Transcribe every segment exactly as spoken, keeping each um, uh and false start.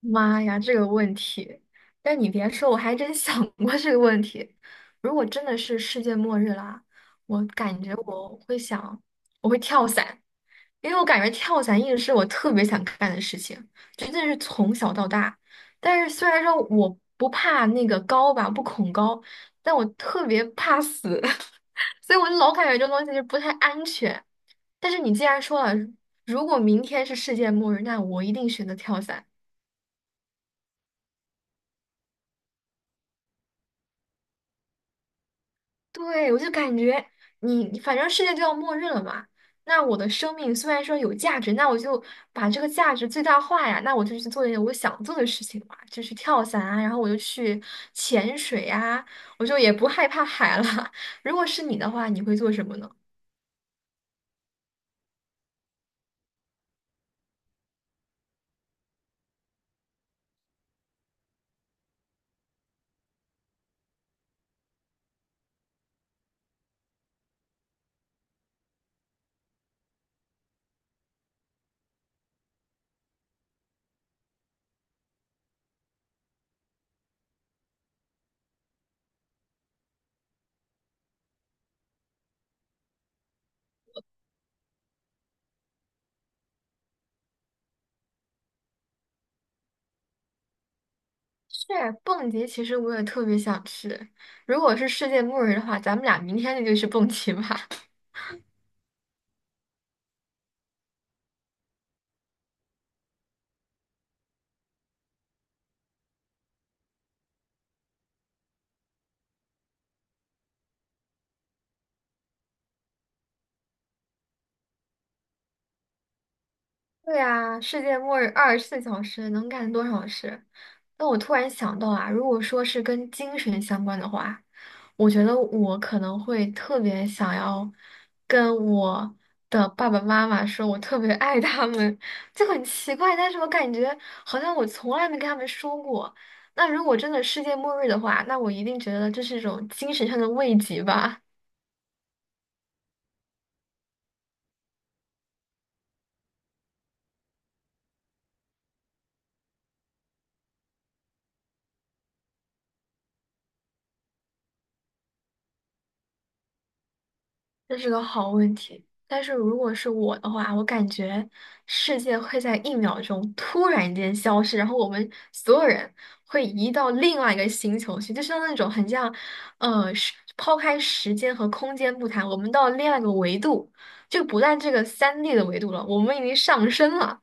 妈呀，这个问题！但你别说，我还真想过 这个问题。如果真的是世界末日啦，我感觉我会想，我会跳伞，因为我感觉跳伞一直是我特别想干的事情，真的是从小到大。但是虽然说我不怕那个高吧，不恐高，但我特别怕死，所以我就老感觉这东西就不太安全。但是你既然说了，如果明天是世界末日，那我一定选择跳伞。对，我就感觉你你反正世界就要末日了嘛，那我的生命虽然说有价值，那我就把这个价值最大化呀，那我就去做一点我想做的事情嘛，就去跳伞啊，然后我就去潜水啊，我就也不害怕海了。如果是你的话，你会做什么呢？是蹦极，其实我也特别想去。如果是世界末日的话，咱们俩明天就去蹦极吧。对啊，世界末日二十四小时能干多少事？那我突然想到啊，如果说是跟精神相关的话，我觉得我可能会特别想要跟我的爸爸妈妈说，我特别爱他们，就很奇怪，但是我感觉好像我从来没跟他们说过。那如果真的世界末日的话，那我一定觉得这是一种精神上的慰藉吧。这是个好问题，但是如果是我的话，我感觉世界会在一秒钟突然间消失，然后我们所有人会移到另外一个星球去，就像那种很像，呃，时抛开时间和空间不谈，我们到另外一个维度，就不在这个三 d 的维度了，我们已经上升了，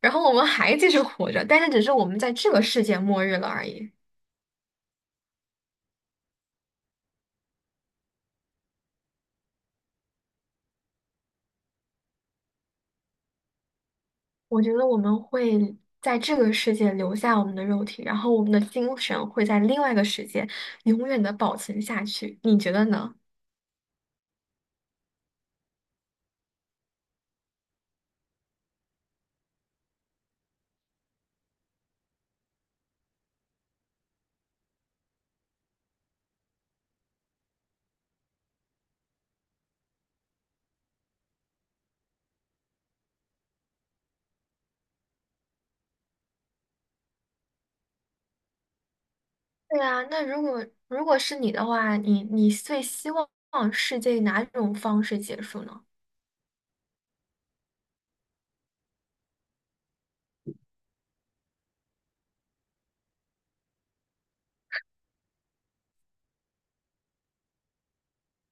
然后我们还继续活着，但是只是我们在这个世界末日了而已。我觉得我们会在这个世界留下我们的肉体，然后我们的精神会在另外一个世界永远的保存下去。你觉得呢？对啊，那如果如果是你的话，你你最希望世界以哪种方式结束呢？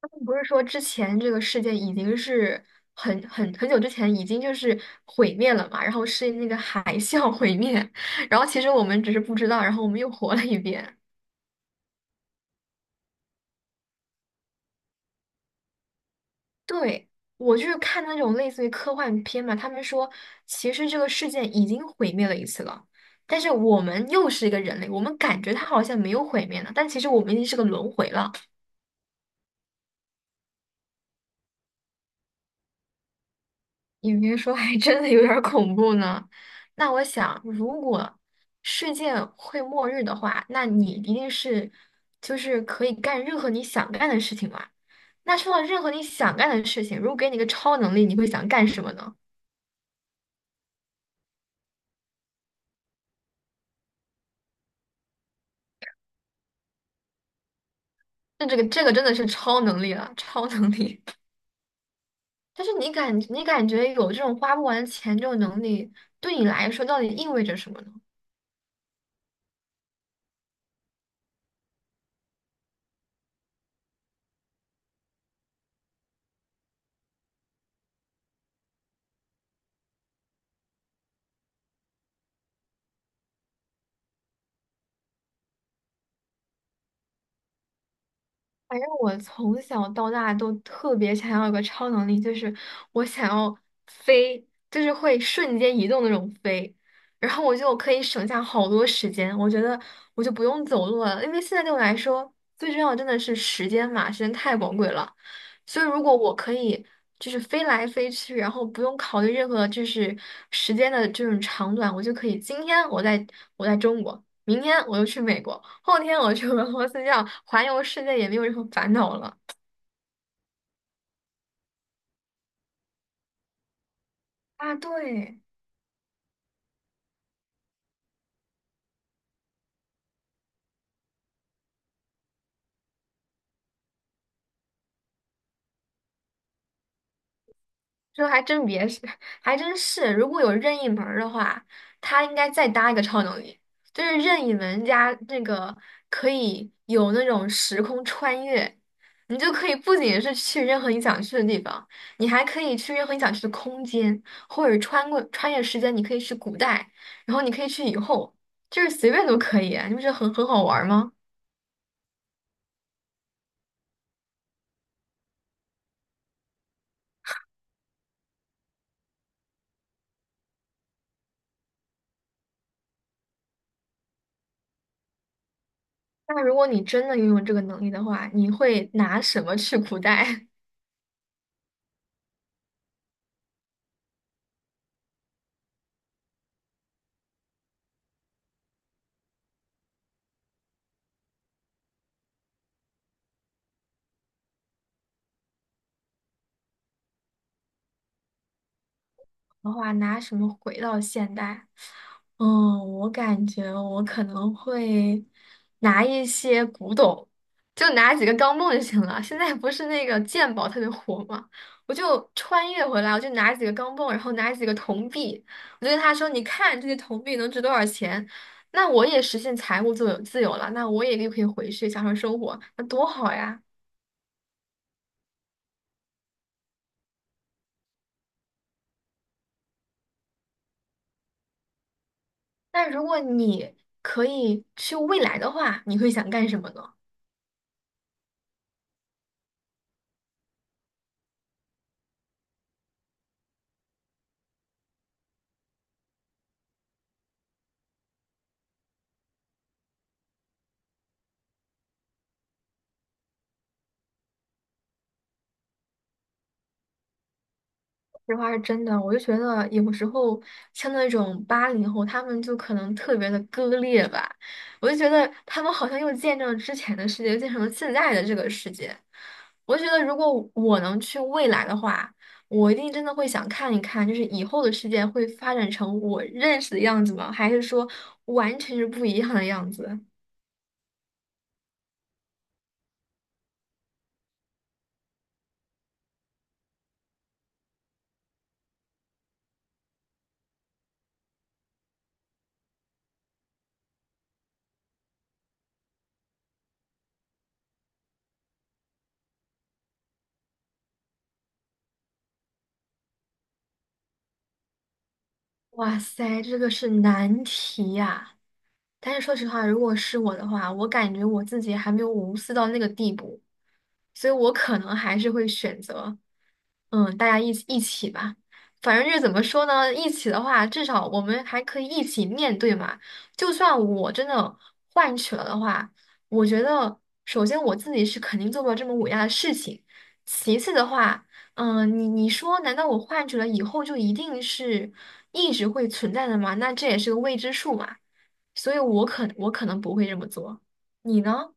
他们不是说之前这个世界已经是很很很久之前已经就是毁灭了嘛，然后是那个海啸毁灭，然后其实我们只是不知道，然后我们又活了一遍。对，我就是看那种类似于科幻片嘛，他们说其实这个世界已经毁灭了一次了，但是我们又是一个人类，我们感觉它好像没有毁灭呢，但其实我们已经是个轮回了。你别说，还真的有点儿恐怖呢。那我想，如果世界会末日的话，那你一定是就是可以干任何你想干的事情嘛。那说到任何你想干的事情，如果给你个超能力，你会想干什么呢？那这个这个真的是超能力了，超能力。但是你感你感觉有这种花不完的钱这种能力，对你来说到底意味着什么呢？反正我从小到大都特别想要一个超能力，就是我想要飞，就是会瞬间移动那种飞，然后我就可以省下好多时间。我觉得我就不用走路了，因为现在对我来说最重要的真的是时间嘛，时间太宝贵了。所以如果我可以就是飞来飞去，然后不用考虑任何就是时间的这种长短，我就可以今天我在我在中国。明天我就去美国，后天我去俄罗斯，这样环游世界也没有任何烦恼了。啊，对，这还真别是，还真是。如果有任意门儿的话，他应该再搭一个超能力，就是任意门加那个可以有那种时空穿越，你就可以不仅是去任何你想去的地方，你还可以去任何你想去的空间，或者穿过穿越时间，你可以去古代，然后你可以去以后，就是随便都可以啊你不觉得很很好玩儿吗？那如果你真的拥有这个能力的话，你会拿什么去古代？的话，拿什么回到现代？嗯，我感觉我可能会拿一些古董，就拿几个钢镚就行了。现在不是那个鉴宝特别火嘛，我就穿越回来，我就拿几个钢镚，然后拿几个铜币，我就跟他说：“你看这些铜币能值多少钱？”那我也实现财务自由自由了，那我也就可以回去享受生活，那多好呀！那如果你可以去未来的话，你会想干什么呢？这话是真的，我就觉得有时候像那种八零后，他们就可能特别的割裂吧。我就觉得他们好像又见证了之前的世界，又见证了现在的这个世界。我就觉得如果我能去未来的话，我一定真的会想看一看，就是以后的世界会发展成我认识的样子吗？还是说完全是不一样的样子？哇塞，这个是难题呀！但是说实话，如果是我的话，我感觉我自己还没有无私到那个地步，所以我可能还是会选择，嗯，大家一起一起吧。反正就是怎么说呢，一起的话，至少我们还可以一起面对嘛。就算我真的换取了的话，我觉得首先我自己是肯定做不了这么伟大的事情，其次的话，嗯，你你说，难道我换取了以后就一定是一直会存在的吗？那这也是个未知数嘛。所以我可我可能不会这么做，你呢？